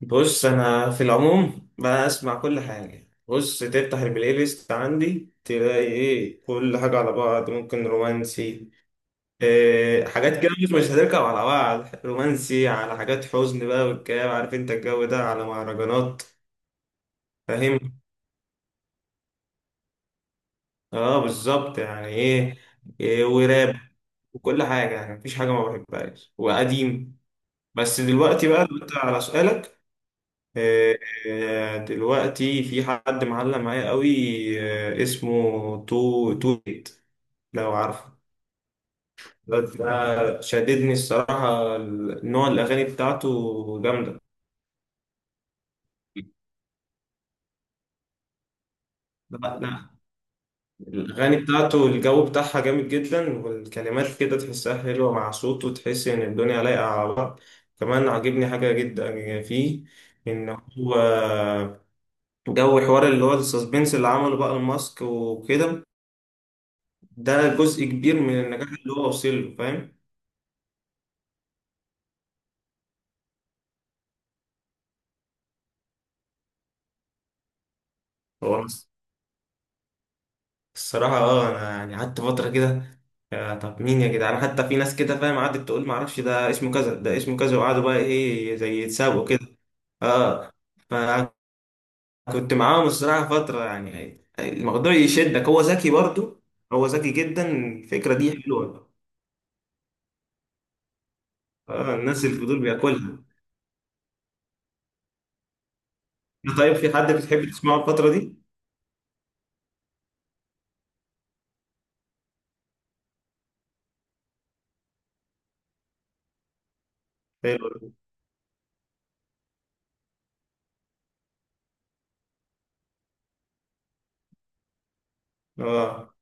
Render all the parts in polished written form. بص، انا في العموم بسمع كل حاجه. بص تفتح البلاي ليست عندي، تلاقي ايه؟ كل حاجه على بعض، ممكن رومانسي. إيه حاجات كده مش هتركب على بعض، رومانسي على حاجات حزن بقى والكلام، عارف انت الجو ده، على مهرجانات. فاهم. اه بالظبط يعني ايه، إيه وراب. وكل حاجه يعني، مفيش حاجه ما بحبهاش، وقديم. بس دلوقتي، بقى دلوقتي على سؤالك. آه، آه، دلوقتي في حد معلق معايا قوي. اسمه تو تويت. لو عارفه. الواد ده شددني الصراحة، نوع الأغاني بتاعته جامدة. لا، لا. الأغاني بتاعته الجو بتاعها جامد جدا، والكلمات كده تحسها حلوة مع صوته، تحس إن الدنيا لايقة على بعض. كمان عاجبني حاجة جدا فيه، إن هو جو حوار اللي هو السسبنس اللي عمله بقى الماسك وكده. ده جزء كبير من النجاح اللي هو وصل له، فاهم. هو أنا الصراحة انا يعني قعدت فترة كده، يا طب مين يا جدعان؟ حتى في ناس كده فاهم، قعدت تقول معرفش، ده اسمه كذا ده اسمه كذا، وقعدوا بقى ايه، زي يتسابقوا كده. اه. آه. فكنت معاهم الصراحة فترة، يعني الموضوع يشدك، هو ذكي برضو. هو ذكي جدا، الفكرة دي حلوة. اه، الناس الفضول بياكلها. طيب في حد بتحب تسمعه الفترة دي؟ حلو. اه،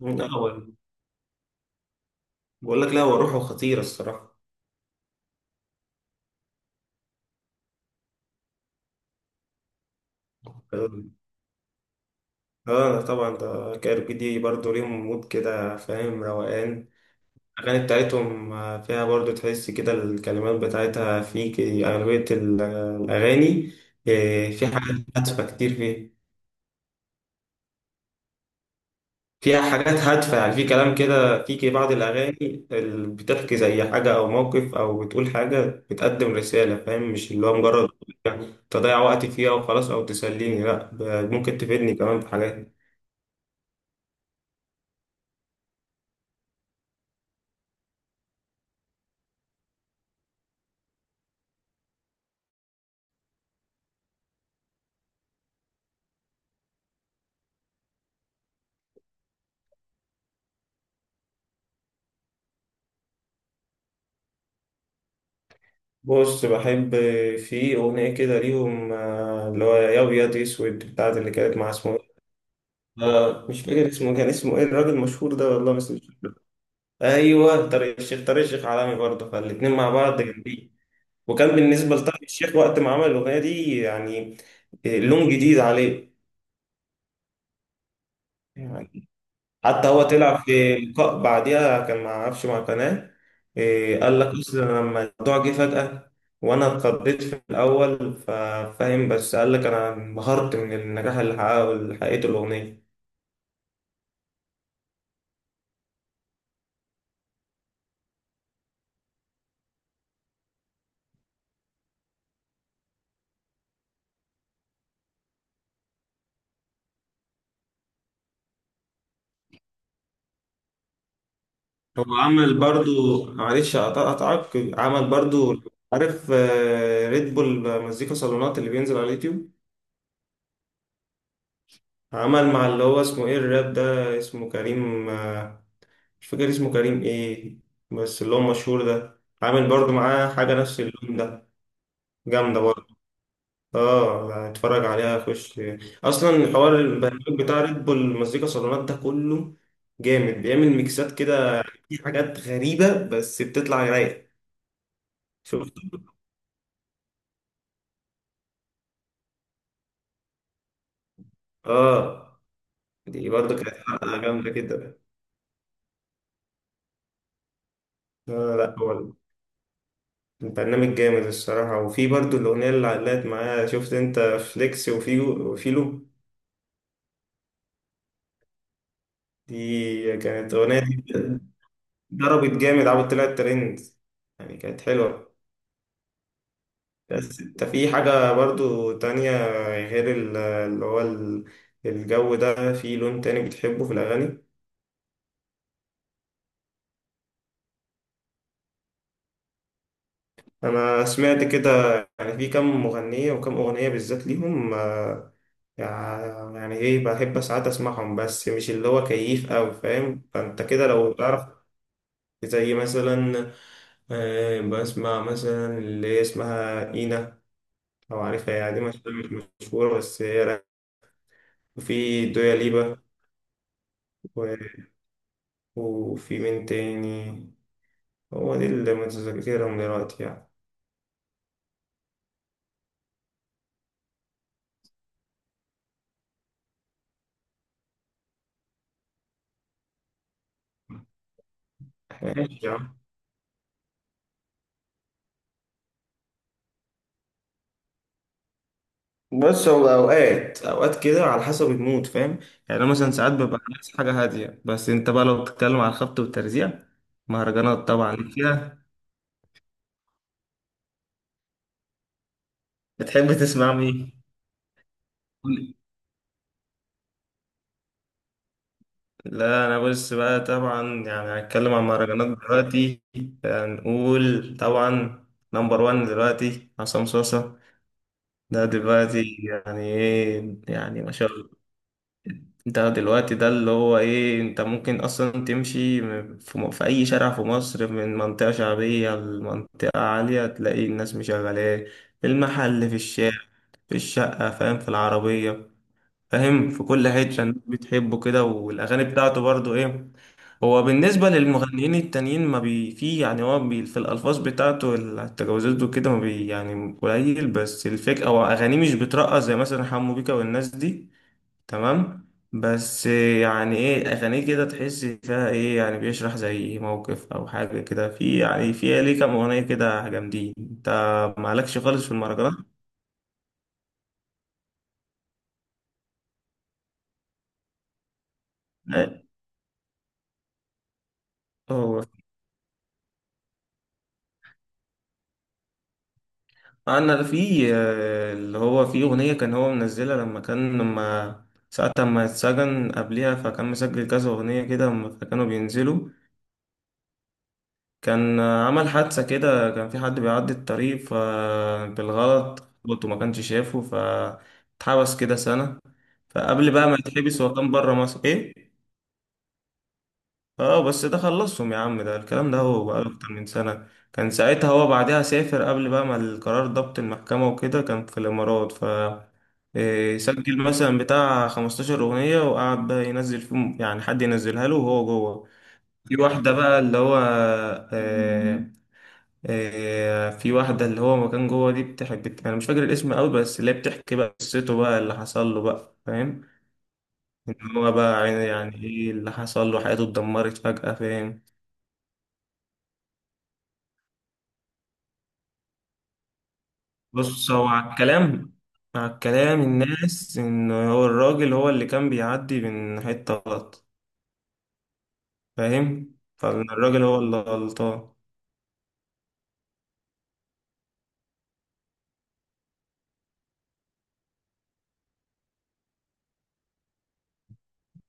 من الأول بقول لك، لا هو روحه خطيرة الصراحة. اه طبعا، ده كايروكي دي برضه ليهم مود كده فاهم، روقان. الأغاني بتاعتهم فيها برضه تحس كده، الكلمات بتاعتها في أغلبية الأغاني. في حاجات هادفة كتير فيه. فيها حاجات هادفة يعني، في كلام كده، في بعض الأغاني اللي بتحكي زي حاجة أو موقف أو بتقول حاجة، بتقدم رسالة فاهم، مش اللي هو مجرد تضيع وقتي فيها وخلاص، أو تسليني لأ، ممكن تفيدني كمان في حاجات. بص، بحب في أغنية كده ليهم اللي هو يا أبيض يا أسود، بتاعت اللي كانت مع، اسمه إيه؟ مش فاكر اسمه، كان اسمه إيه الراجل المشهور ده والله، بس مش فاكر. أيوه طارق الشيخ، طارق الشيخ عالمي برضه، فالاتنين مع بعض جامدين. وكان بالنسبة لطارق الشيخ، وقت ما عمل الأغنية دي يعني لون جديد عليه. يعني. حتى هو طلع في لقاء بعديها، كان مع عفش مع قناة قال لك أصل أنا لما الموضوع جه فجأة وأنا اتخضيت في الأول ففاهم، بس قال لك أنا انبهرت من النجاح اللي حققته الأغنية. هو عمل برضو معلش أقطعك. عمل برضو، عارف ريد بول مزيكا صالونات اللي بينزل على اليوتيوب؟ عمل مع اللي هو اسمه إيه، الراب ده اسمه كريم مش فاكر اسمه كريم ايه، بس اللي هو مشهور ده، عامل برضو معاه حاجة نفس اللون ده. جامدة برضو. اه اتفرج عليها، خش. اصلا حوار البرنامج بتاع ريد بول مزيكا صالونات ده كله جامد، بيعمل ميكسات كده، في حاجات غريبة بس بتطلع رايقة. شفت؟ اه، دي برضو كانت حلقة جامدة كده. لا هو البرنامج جامد الصراحة، وفي برضو الأغنية اللي علقت معايا، شفت أنت فليكس وفيو وفيلو؟ دي كانت أغنية ضربت جامد، عاوز طلعت ترند، يعني كانت حلوة. بس انت في حاجة برضو تانية، غير الجو ده، في لون تاني بتحبه في الأغاني؟ أنا سمعت كده، يعني في كم مغنية وكم أغنية بالذات ليهم يعني إيه، بحب ساعات أسمعهم بس مش اللي هو كيف أوي فاهم، فأنت كده لو تعرف. زي مثلا بسمع مثلا اللي هي اسمها إينا، لو عارفها، يعني دي مش مشهورة بس هي. وفي دويا ليبا و... وفي مين تاني، هو دي اللي متذكرهم دلوقتي يعني. ماشي يا عم. بص، هو اوقات اوقات كده، على حسب المود فاهم. يعني انا مثلا ساعات ببقى عايز حاجه هاديه، بس انت بقى لو بتتكلم على الخبط والترزيع، مهرجانات طبعا ليك فيها. بتحب تسمع مين؟ قول. لا انا بص بقى طبعا، يعني هنتكلم عن مهرجانات دلوقتي، هنقول طبعا نمبر وان دلوقتي عصام صاصا. ده دلوقتي يعني ايه يعني، ما شاء الله. ده دلوقتي، ده اللي هو ايه، انت ممكن اصلا تمشي في اي شارع في مصر، من منطقة شعبية لمنطقة عالية، تلاقي الناس مشغلاه، في المحل، في الشارع، في الشقة فاهم، في العربية فاهم، في كل حتة، الناس بتحبه كده، والاغاني بتاعته برضو ايه، هو بالنسبة للمغنيين التانيين ما بي في يعني، هو بي في الألفاظ بتاعته، التجاوزات وكده ما بي يعني قليل، بس الفكرة أو أغانيه مش بترقص زي مثلا حمو بيكا والناس دي. تمام، بس يعني إيه، أغانيه كده تحس فيها إيه، يعني بيشرح زي موقف أو حاجة كده، في يعني في ليه كام أغنية كده جامدين. أنت مالكش خالص في المهرجانات؟ هو انا في اللي هو في اغنيه كان هو منزلها، لما ساعة ما اتسجن قبليها، فكان مسجل كذا اغنيه كده، لما كانوا بينزلوا. كان عمل حادثه كده، كان في حد بيعدي الطريق فبالغلط، خبطه وما كانش شافه، فاتحبس كده سنه. فقبل بقى ما يتحبس، هو كان بره مصر ايه، اه بس ده خلصهم يا عم، ده الكلام ده هو بقاله اكتر من سنة. كان ساعتها هو بعدها سافر، قبل بقى ما القرار ضبط المحكمة وكده، كان في الامارات. سجل مثلا بتاع 15 اغنية، وقعد بقى ينزل فيهم، يعني حد ينزلها له وهو جوه. في واحدة بقى اللي هو آه في واحدة اللي هو ما كان جوه، دي بتحب، انا مش فاكر الاسم قوي، بس اللي هي بتحكي بقى قصته بقى، اللي حصل له بقى فاهم، ان هو بقى يعني ايه اللي حصل له، حياته اتدمرت فجأة فاهم. بص، هو على الكلام الناس، ان هو الراجل هو اللي كان بيعدي من حتة غلط فاهم، فالراجل هو اللي غلطان.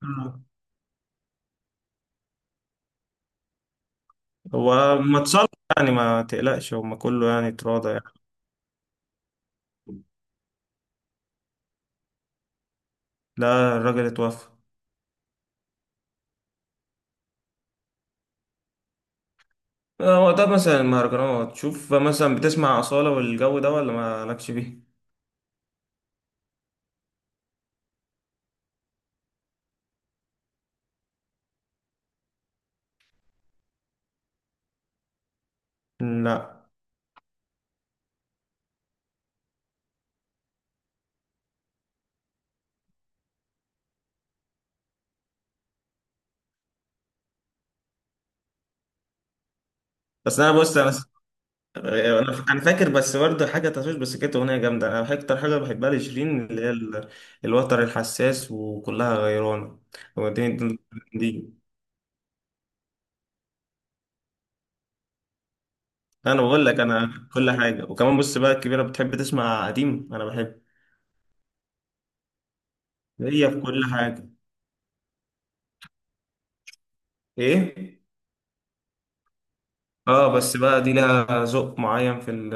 آه. هو ما اتصل، يعني ما تقلقش، هما كله يعني اتراضى يعني. لا، الراجل اتوفى. هو ده مثلا المهرجانات، شوف مثلا، بتسمع أصالة والجو ده ولا ما لكش بيه؟ لا بس انا، بص أنا فاكر، بس برضه حاجه تشوش، بس كانت اغنيه جامده، انا اكتر حاجه بحبها لشيرين اللي هي الوتر الحساس، وكلها غيرانه. ودي دي, دي. دي. انا بقول لك، انا كل حاجه، وكمان بص بقى الكبيره بتحب تسمع قديم، انا بحب. هي في كل حاجه. ايه. اه بس بقى دي لها ذوق معين في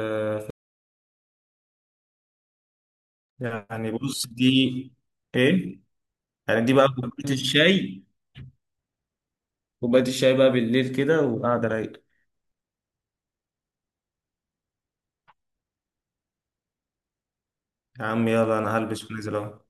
يعني، بص دي، ايه، يعني دي بقى كوبايه الشاي. كوبايه الشاي بقى بالليل كده وقاعده رايقه. يا عم يلا، انا هلبس ونزل اهو.